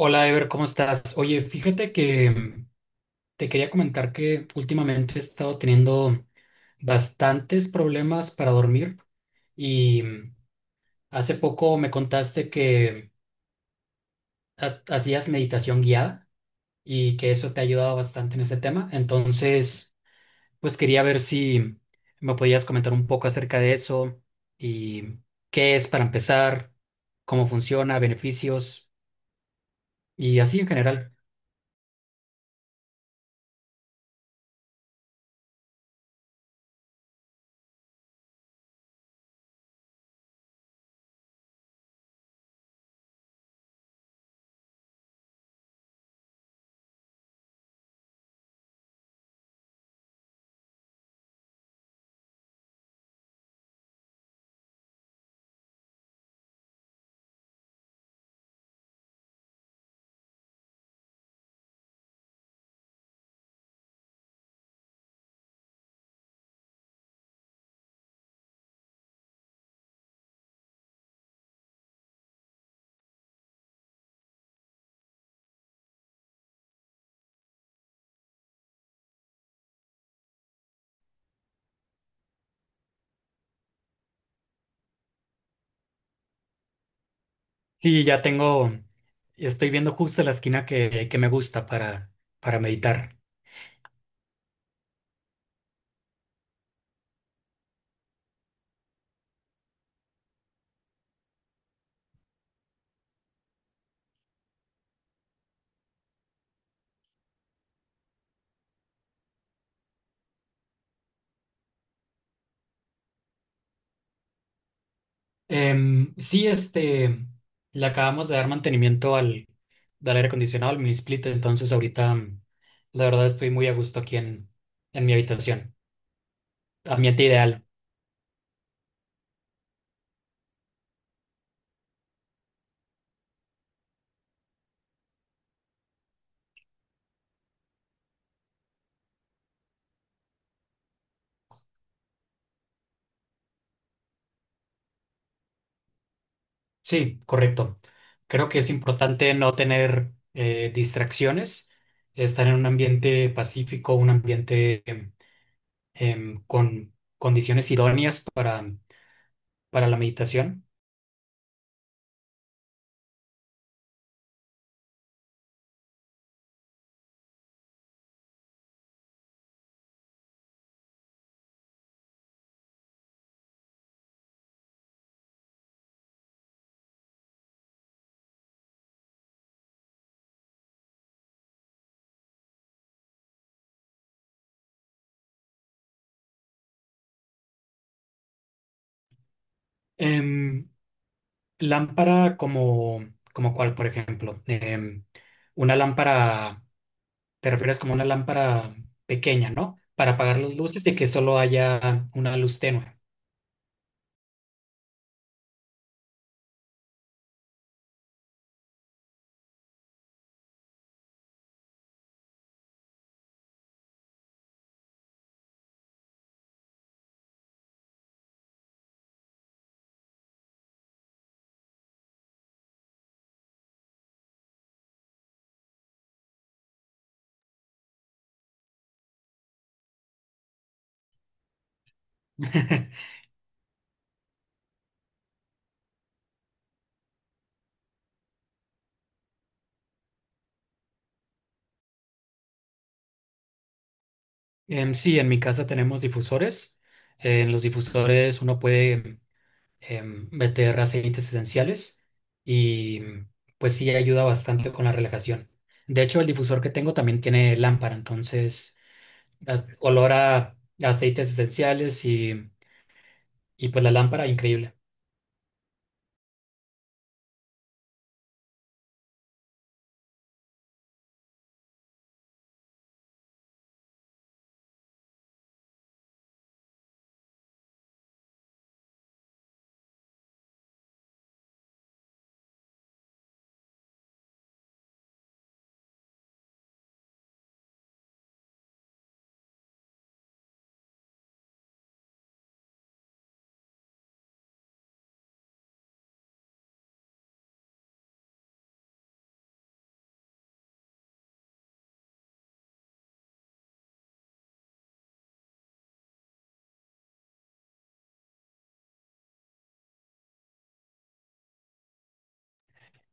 Hola, Ever, ¿cómo estás? Oye, fíjate que te quería comentar que últimamente he estado teniendo bastantes problemas para dormir y hace poco me contaste que hacías meditación guiada y que eso te ha ayudado bastante en ese tema. Entonces, pues quería ver si me podías comentar un poco acerca de eso y qué es para empezar, cómo funciona, beneficios y así en general. Sí, ya tengo, estoy viendo justo la esquina que me gusta para meditar. Sí, este, le acabamos de dar mantenimiento al, del aire acondicionado, al mini split, entonces ahorita la verdad estoy muy a gusto aquí en mi habitación. Ambiente ideal. Sí, correcto. Creo que es importante no tener distracciones, estar en un ambiente pacífico, un ambiente con condiciones idóneas para la meditación. Em, lámpara como, como cuál, por ejemplo. Una lámpara, te refieres como una lámpara pequeña, ¿no? Para apagar las luces y que solo haya una luz tenue. Sí, en mi casa tenemos difusores. En los difusores uno puede meter aceites esenciales y pues sí ayuda bastante con la relajación. De hecho, el difusor que tengo también tiene lámpara, entonces olor a aceites esenciales y pues la lámpara, increíble.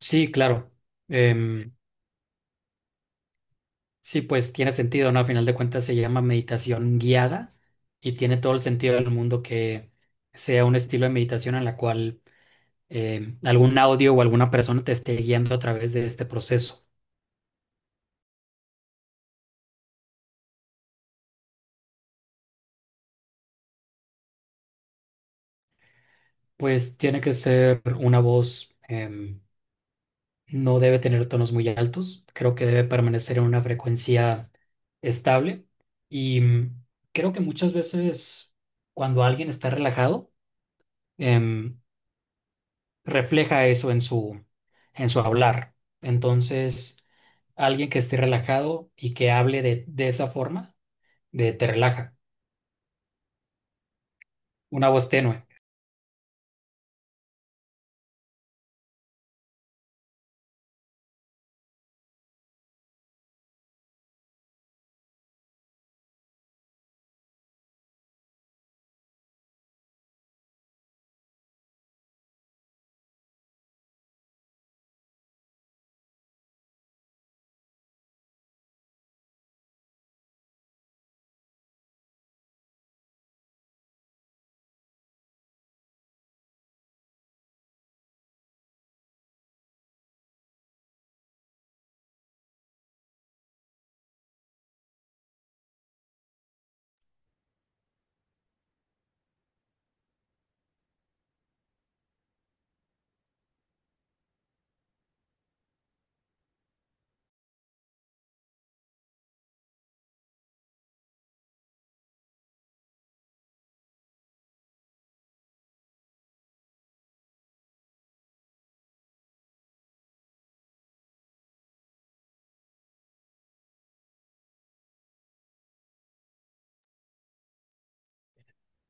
Sí, claro. Em, sí, pues tiene sentido, ¿no? A final de cuentas se llama meditación guiada y tiene todo el sentido del mundo que sea un estilo de meditación en la cual algún audio o alguna persona te esté guiando a través de este proceso. Pues tiene que ser una voz, no debe tener tonos muy altos, creo que debe permanecer en una frecuencia estable y creo que muchas veces cuando alguien está relajado, em, refleja eso en su hablar. Entonces, alguien que esté relajado y que hable de esa forma, de te relaja, una voz tenue.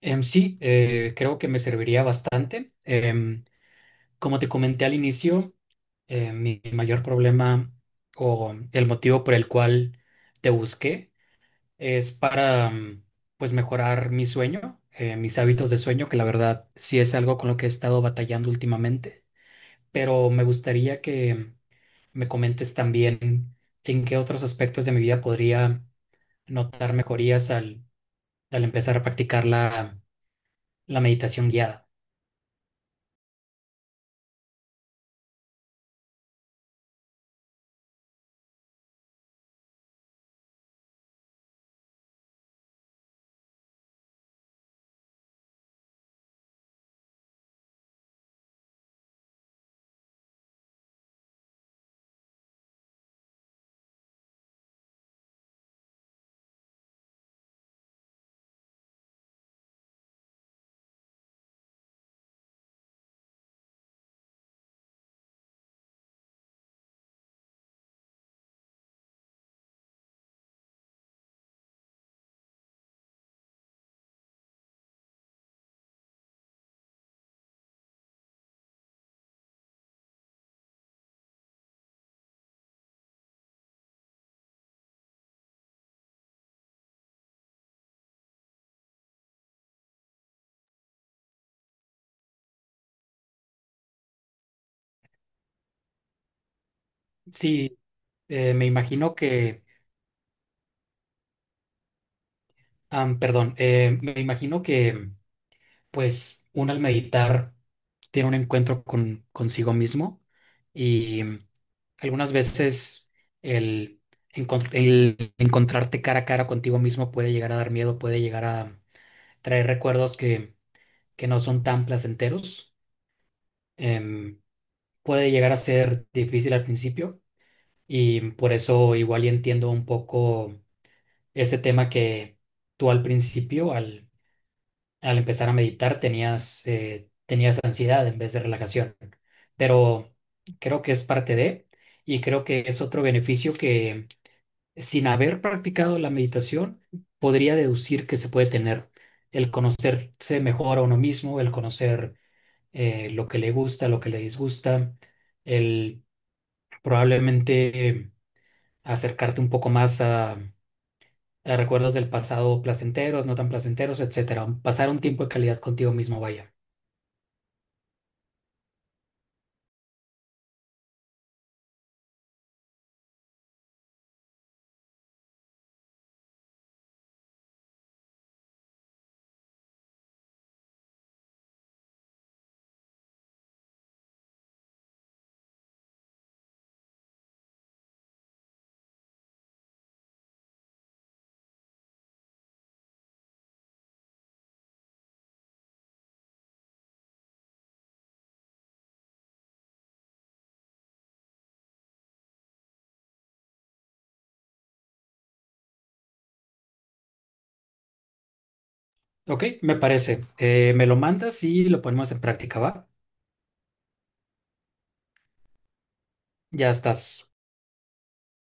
Sí, creo que me serviría bastante. Em, como te comenté al inicio, mi mayor problema o el motivo por el cual te busqué es para pues mejorar mi sueño, mis hábitos de sueño, que la verdad sí es algo con lo que he estado batallando últimamente. Pero me gustaría que me comentes también en qué otros aspectos de mi vida podría notar mejorías al empezar a practicar la meditación guiada. Sí, me imagino que, am, perdón, me imagino que pues uno al meditar tiene un encuentro con consigo mismo y algunas veces el, el encontrarte cara a cara contigo mismo puede llegar a dar miedo, puede llegar a traer recuerdos que no son tan placenteros. Em, puede llegar a ser difícil al principio y por eso igual y entiendo un poco ese tema que tú al principio, al empezar a meditar, tenías, tenías ansiedad en vez de relajación. Pero creo que es parte de, y creo que es otro beneficio que sin haber practicado la meditación, podría deducir que se puede tener el conocerse mejor a uno mismo, el conocer lo que le gusta, lo que le disgusta, el probablemente acercarte un poco más a recuerdos del pasado placenteros, no tan placenteros, etcétera. Pasar un tiempo de calidad contigo mismo, vaya. Ok, me parece. Me lo mandas y lo ponemos en práctica, ¿va? Ya estás.